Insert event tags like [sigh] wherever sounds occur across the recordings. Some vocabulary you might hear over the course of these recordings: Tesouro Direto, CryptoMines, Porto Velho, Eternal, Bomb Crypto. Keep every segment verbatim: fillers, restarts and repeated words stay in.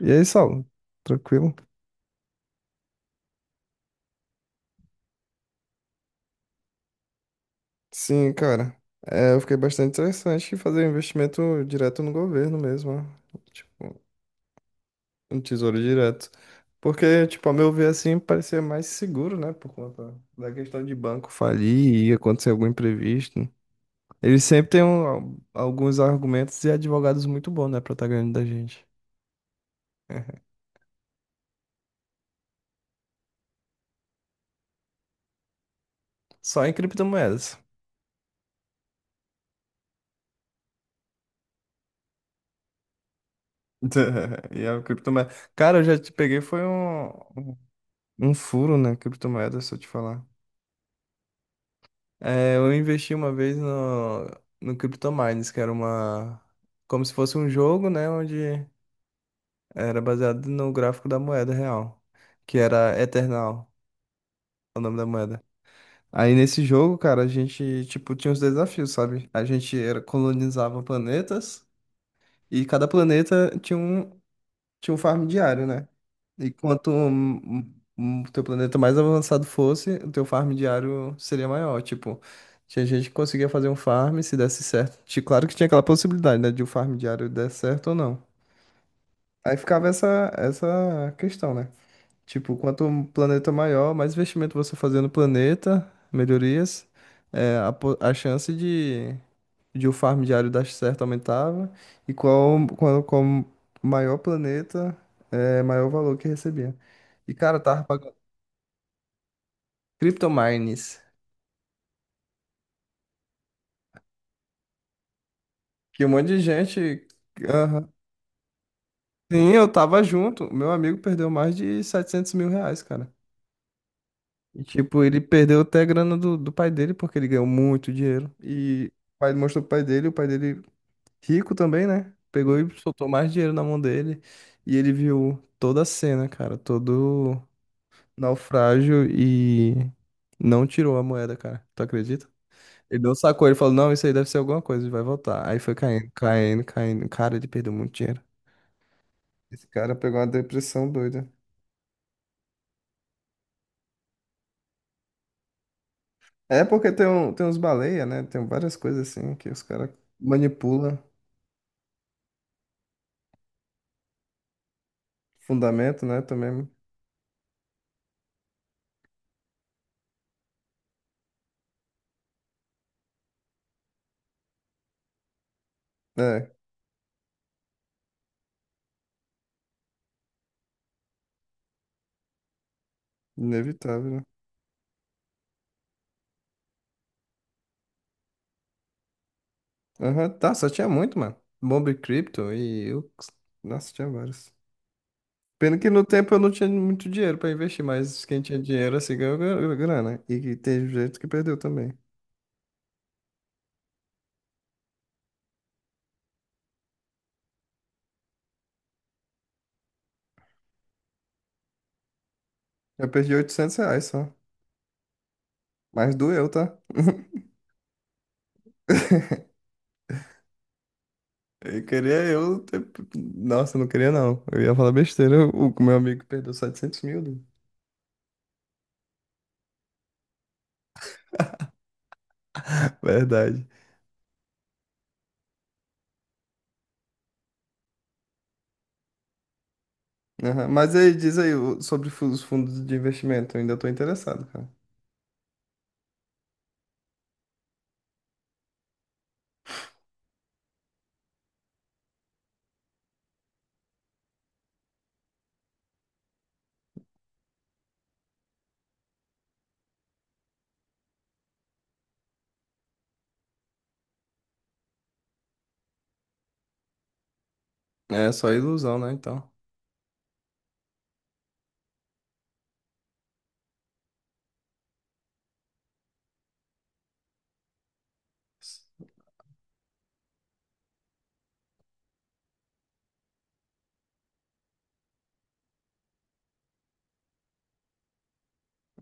E aí, Saulo? Tranquilo? Sim, cara. É, eu fiquei bastante interessante em fazer um investimento direto no governo mesmo, ó. Tipo, um Tesouro Direto. Porque, tipo, a meu ver, assim, parecia mais seguro, né? Por conta da questão de banco falir e acontecer algum imprevisto. Eles sempre têm um- alguns argumentos e advogados muito bons, né? Pra tá ganhando da gente. [laughs] Só em criptomoedas. [laughs] E a criptomoeda. Cara, eu já te peguei, foi um, um furo, né? Criptomoeda, se eu te falar. É, eu investi uma vez no, no CryptoMines, que era uma. Como se fosse um jogo, né? Onde era baseado no gráfico da moeda real, que era Eternal, o nome da moeda. Aí nesse jogo, cara, a gente, tipo, tinha uns desafios, sabe? A gente era, colonizava planetas e cada planeta tinha um. tinha um farm diário, né? E quanto hum, hum, o teu planeta mais avançado fosse, o teu farm diário seria maior. Tipo, tinha gente que conseguia fazer um farm se desse certo. Ti- Claro que tinha aquela possibilidade, né? De o farm diário der certo ou não. Aí ficava essa, essa questão, né? Tipo, quanto um planeta maior, mais investimento você fazer no planeta, melhorias, é, a, po- a chance de de o farm diário dar certo aumentava e qual, qual, qual maior planeta é maior valor que recebia. E cara, eu tava pagando Cryptomines, que um monte de gente. Aham. Sim, eu tava junto. Meu amigo perdeu mais de setecentos mil reais, cara. E tipo, ele perdeu até a grana do, do pai dele, porque ele ganhou muito dinheiro. E o pai mostrou pro pai dele, o pai dele rico também, né? Pegou e soltou mais dinheiro na mão dele. E ele viu toda a cena, cara, todo naufrágio e não tirou a moeda, cara. Tu acredita? Ele não sacou, ele falou, não, isso aí deve ser alguma coisa, e vai voltar. Aí foi caindo, caindo, caindo. Cara, ele perdeu muito dinheiro. Esse cara pegou uma depressão doida. É porque tem, um, tem uns baleia, né? Tem várias coisas assim que os caras manipulam. Fundamento, né? Também é inevitável, né? Aham. Tá, só tinha muito, mano. Bomb Crypto e... eu- Nossa, tinha vários. Pena que no tempo eu não tinha muito dinheiro pra investir, mas quem tinha dinheiro assim ganhou gra- grana. E que tem gente que perdeu também. Eu perdi oitocentos reais só. Mas doeu, tá? [laughs] Eu queria eu. Ter- Nossa, eu não queria não. Eu ia falar besteira. O o meu amigo perdeu setecentos mil, né? Verdade. Aham. Mas aí, diz aí o- sobre fu- os fundos de investimento. Eu ainda tô interessado, cara. É só ilusão, né? Então.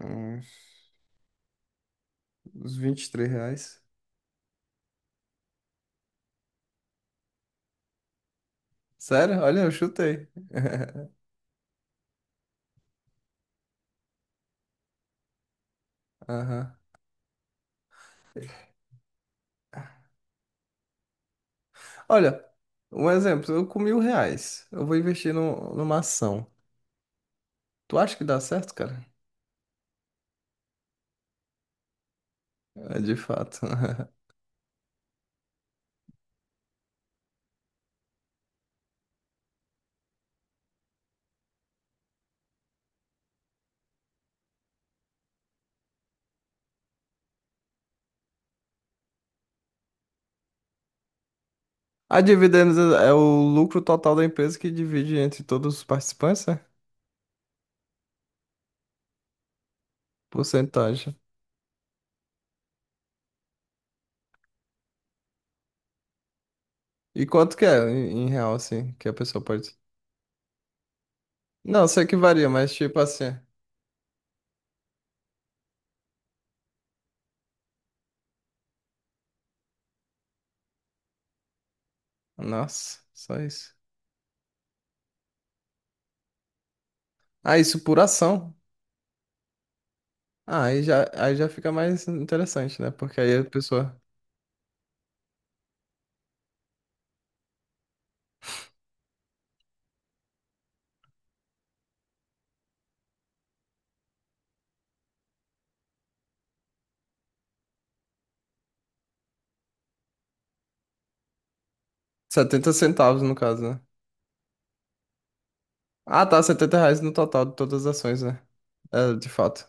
Uns uns vinte e três reais. Sério? Olha, eu chutei. [laughs] Aham. Olha, um exemplo, eu com mil reais, eu vou investir num- numa ação. Tu acha que dá certo, cara? É de fato. [laughs] A dividendos é é o lucro total da empresa que divide entre todos os participantes, né? Porcentagem. E quanto que é em, em real, assim, que a pessoa pode... Não, eu sei que varia, mas tipo assim... Nossa, só isso. Ah, isso por ação. Ah, aí já, aí já fica mais interessante, né? Porque aí a pessoa... Setenta centavos, no caso, né? Ah, tá, setenta reais no total de todas as ações, né? É, de fato.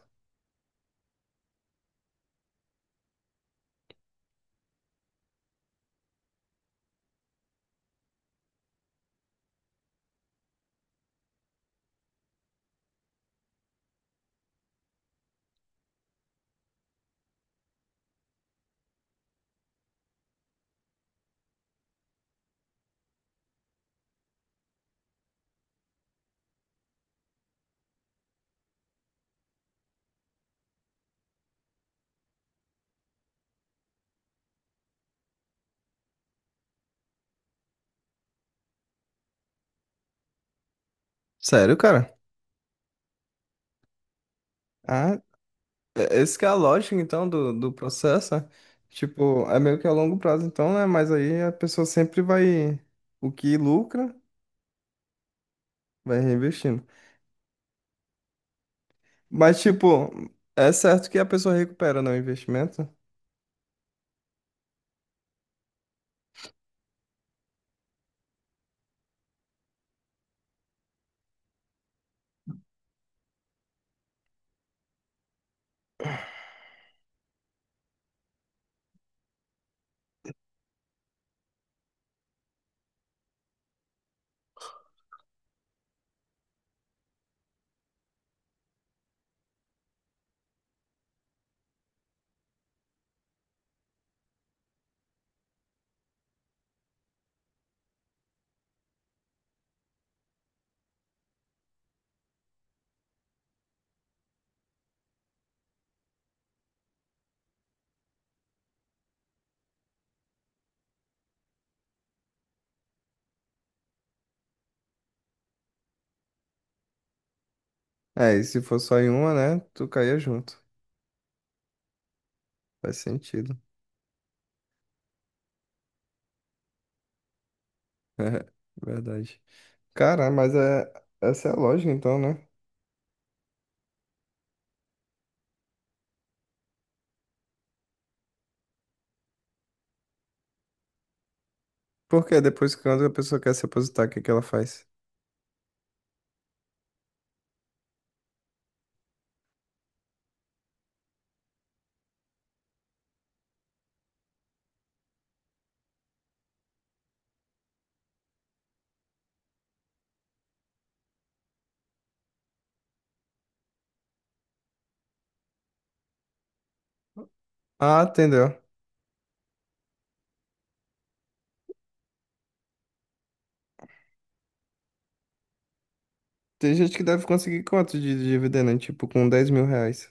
Sério, cara? Ah, é- esse que é a lógica, então, do, do processo, né? Tipo, é meio que a longo prazo, então, né? Mas aí a pessoa sempre vai. O que lucra, vai reinvestindo. Mas, tipo, é certo que a pessoa recupera no investimento. É, e se for só em uma, né? Tu caía junto. Faz sentido. [laughs] É, verdade. Cara, mas é, essa é a lógica, então, né? Porque depois, quando a pessoa quer se aposentar, o que que ela faz? Ah, entendeu. Tem gente que deve conseguir quanto de dívida, né? Tipo, com dez mil reais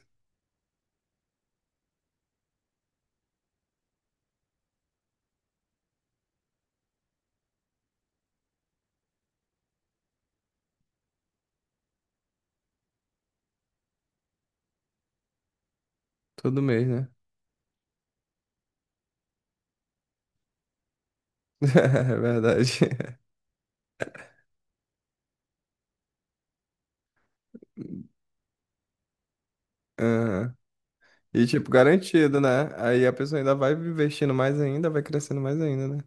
todo mês, né? [laughs] É verdade. Aham. E, tipo, garantido, né? Aí a pessoa ainda vai investindo mais ainda, vai crescendo mais ainda, né?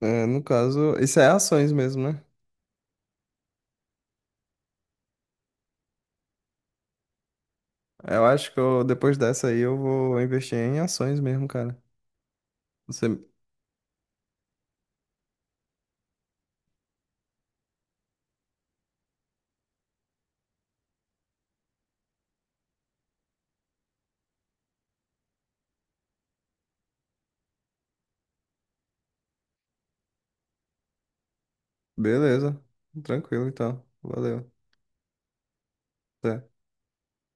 É, no caso, isso é ações mesmo, né? Eu acho que eu, depois dessa aí eu vou investir em ações mesmo, cara. Você... Beleza. Tranquilo, então. Valeu. Até.